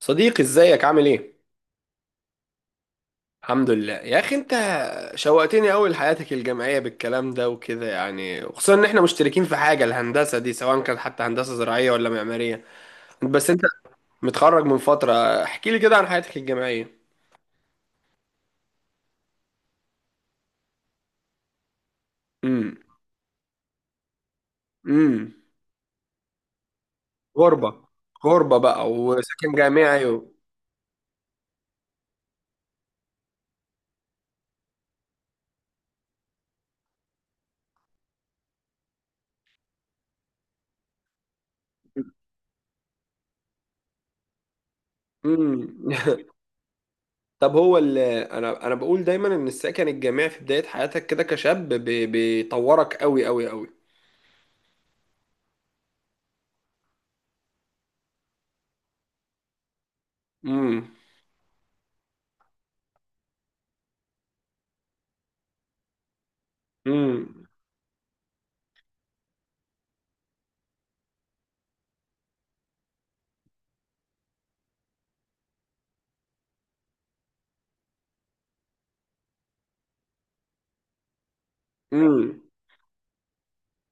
صديقي، ازيك؟ عامل ايه؟ الحمد لله يا اخي. انت شوقتني قوي لحياتك الجامعيه بالكلام ده وكده، يعني، وخصوصا ان احنا مشتركين في حاجه الهندسه دي، سواء كانت حتى هندسه زراعيه ولا معماريه. بس انت متخرج من فتره. احكي لي كده عن حياتك الجامعيه. امم. امم. غربه، غربه بقى، وسكن جامعي و. امم. طب، انا بقول دايما ان السكن الجامعي في بدايه حياتك كده كشاب، بيطورك قوي قوي قوي. امم. امم.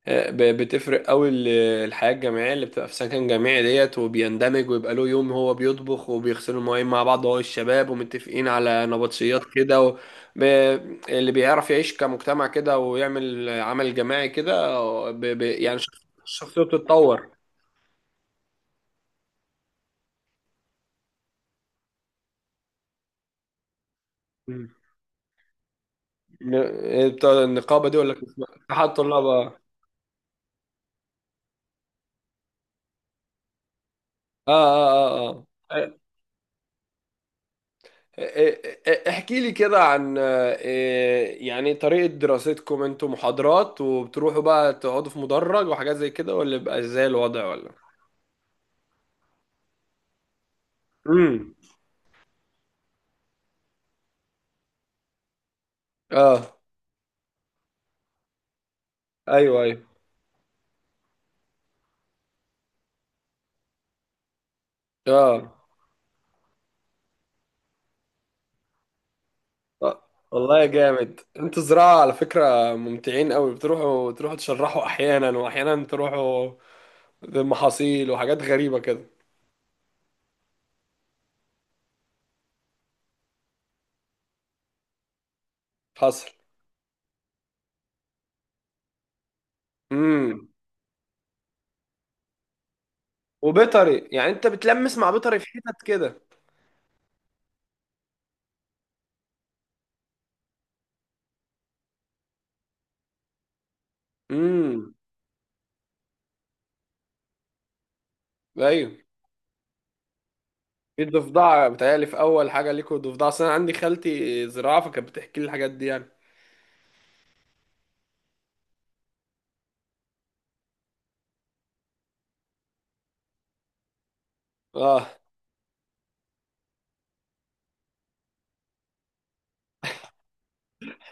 بتفرق قوي، الحياة الجامعية اللي بتبقى في سكن جامعي ديت، وبيندمج ويبقى له يوم هو بيطبخ وبيغسلوا المواعين مع بعض، هو الشباب، ومتفقين على نبطشيات كده، و. ب... اللي بيعرف يعيش كمجتمع كده ويعمل عمل جماعي كده، يعني شخصيته بتتطور. مم. بتاع النقابة دي، ولا كان اسمها اتحاد طلاب، اه؟ اه، اه، آه. احكي لي كده عن إيه، يعني طريقة دراستكم؟ انتوا محاضرات، وبتروحوا بقى تقعدوا في مدرج وحاجات زي كده، ولا بيبقى ازاي الوضع، ولا؟ امم. اه. ايوه، ايوه. اه. والله يا جامد، انتوا زراعة على فكرة ممتعين قوي، بتروحوا تشرحوا احيانا، واحيانا تروحوا بمحاصيل وحاجات غريبة كده. حصل. امم. وبيطري، يعني انت بتلمس مع بيطري في حتت كده. امم. ايوه. في ضفدع، بتهيألي في أول حاجة ليكوا ضفدع، أصل أنا عندي خالتي زراعة فكانت بتحكي لي الحاجات دي يعني. اه.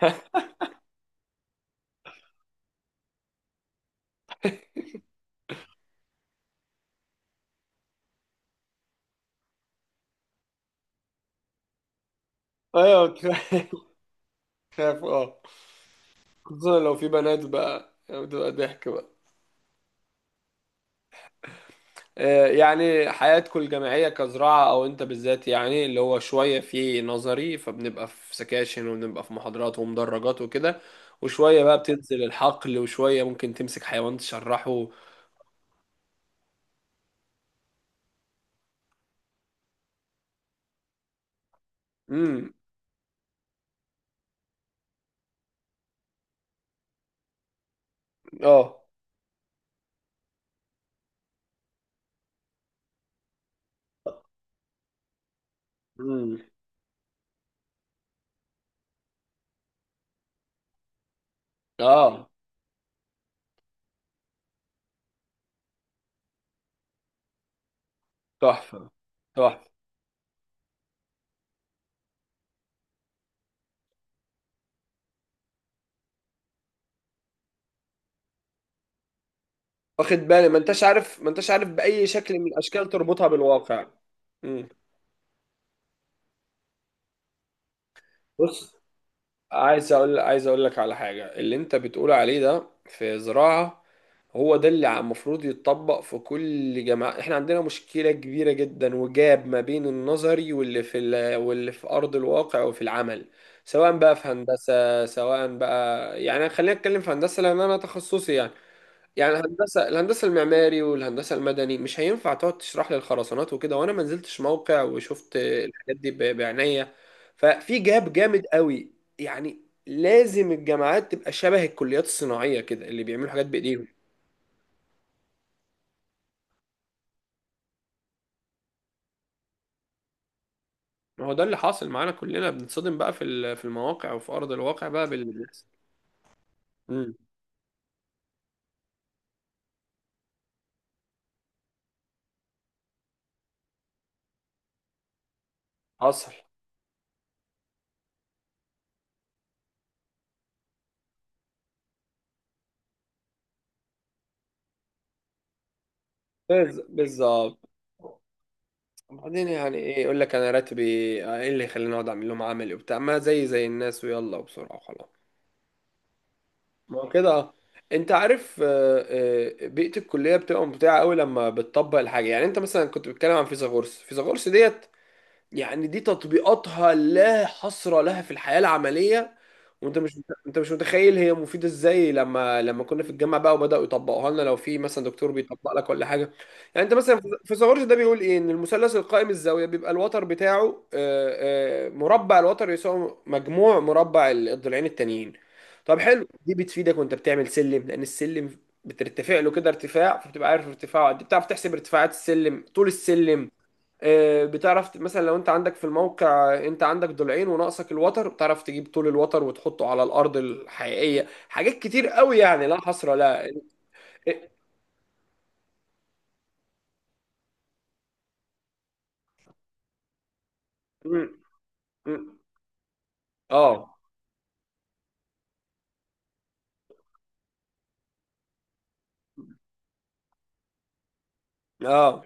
أيوه، كفاية. خاف، اه. خصوصا لو في بنات بقى يعني، بتبقى ضحك بقى. يعني حياتكم الجامعية كزراعة، أو أنت بالذات يعني، اللي هو شوية في نظري فبنبقى في سكاشن، وبنبقى في محاضرات ومدرجات وكده، وشوية بقى بتنزل الحقل، وشوية ممكن تمسك حيوان تشرحه. امم. اه. امم. اه. تحفة، تحفة. واخد بالي، ما انتش عارف، ما انتش عارف باي شكل من الاشكال تربطها بالواقع. مم. بص، عايز اقول لك على حاجه. اللي انت بتقول عليه ده في زراعه، هو ده اللي المفروض يتطبق في كل جامعه. احنا عندنا مشكله كبيره جدا، وجاب ما بين النظري واللي في ارض الواقع وفي العمل، سواء بقى في هندسه، سواء بقى يعني، خلينا نتكلم في هندسه لان انا تخصصي، يعني الهندسه، المعماري والهندسه المدني مش هينفع تقعد تشرح لي الخرسانات وكده وانا ما نزلتش موقع وشفت الحاجات دي بعناية. ففي جاب جامد قوي يعني. لازم الجامعات تبقى شبه الكليات الصناعيه كده، اللي بيعملوا حاجات بايديهم. ما هو ده اللي حاصل معانا، كلنا بنتصدم بقى في المواقع وفي ارض الواقع بقى باللي بيحصل. امم. حصل. بالظبط. بعدين يعني ايه؟ يقول لك انا راتبي ايه اللي يخليني اقعد اعمل لهم عملي وبتاع، ما زي الناس، ويلا وبسرعه وخلاص. ما هو كده، اه. انت عارف، بيئة الكلية بتبقى ممتعة قوي لما بتطبق الحاجة، يعني انت مثلا كنت بتتكلم عن فيثاغورس، فيثاغورس ديت، يعني دي تطبيقاتها لا حصر لها في الحياة العملية. وانت مش متخيل هي مفيدة ازاي، لما كنا في الجامعة بقى وبدأوا يطبقوها لنا، لو في مثلا دكتور بيطبق لك ولا حاجة. يعني انت مثلا في فيثاغورس ده بيقول ايه؟ ان المثلث القائم الزاوية بيبقى الوتر بتاعه مربع الوتر يساوي مجموع مربع الضلعين التانيين. طب حلو، دي بتفيدك وانت بتعمل سلم، لان السلم بترتفع له كده ارتفاع، فبتبقى عارف ارتفاعه قد ايه، بتعرف تحسب ارتفاعات السلم، طول السلم. بتعرف مثلا لو انت عندك في الموقع، انت عندك ضلعين وناقصك الوتر، بتعرف تجيب طول الوتر وتحطه على الارض الحقيقيه. حاجات كتير قوي يعني، لا حصر لا. اه. اه.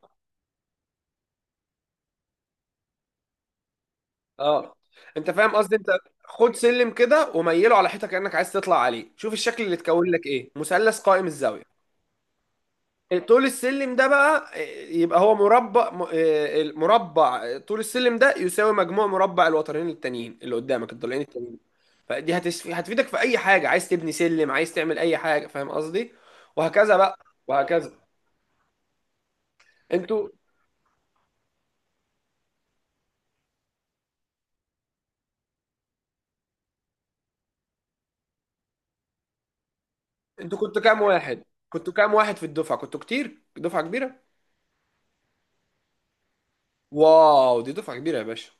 اه، انت فاهم قصدي، انت. خد سلم كده وميله على حيطه كانك عايز تطلع عليه، شوف الشكل اللي اتكون لك ايه. مثلث قائم الزاويه. طول السلم ده بقى، يبقى هو مربع م- آه، المربع، طول السلم ده يساوي مجموع مربع الوترين التانيين اللي قدامك، الضلعين التانيين. فدي هتفيدك في اي حاجه، عايز تبني سلم، عايز تعمل اي حاجه، فاهم قصدي؟ وهكذا بقى. وهكذا. انتوا انتوا كنتوا كام واحد؟ كنتوا كام واحد في الدفعه؟ كنتوا كتير، دفعه كبيره. واو، دي دفعه كبيره يا باشا.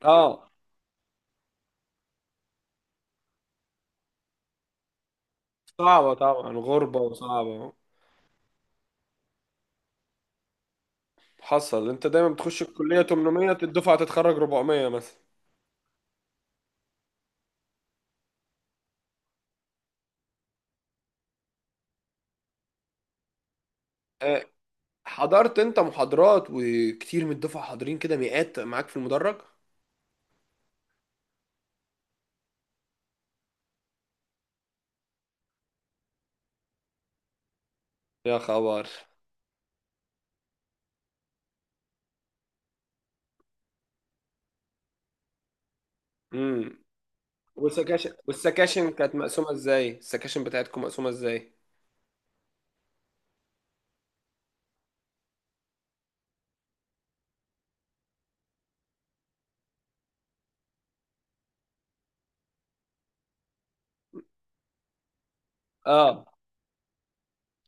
اه، صعبه طبعا، غربه وصعبه. حصل. انت دايما بتخش الكليه 800، الدفعه تتخرج 400 مثلا. حضرت انت محاضرات وكتير من الدفعه حاضرين كده، مئات معاك في المدرج. يا خبر. امم. والسكاشن كانت مقسومه ازاي؟ السكاشن بتاعتكم مقسومه ازاي؟ اه.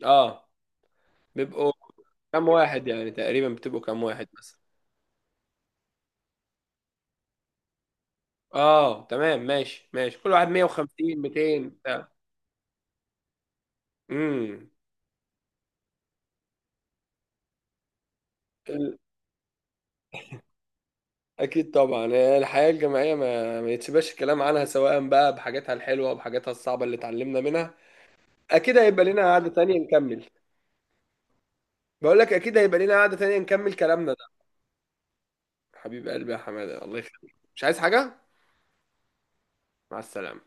اه. بيبقوا كام واحد يعني تقريبا، بتبقوا كام واحد مثلا؟ اه، تمام، ماشي، ماشي، كل واحد 150، 200 بتاع. امم. ال- اكيد طبعا. الحياه الجامعيه ما يتسبش الكلام عنها، سواء بقى بحاجاتها الحلوه وبحاجاتها الصعبه اللي اتعلمنا منها. اكيد هيبقى لنا قعده تانية نكمل. بقول لك اكيد هيبقى لينا قعدة تانية نكمل كلامنا ده. حبيب قلبي يا حمادة، الله يخليك، مش عايز حاجة. مع السلامة.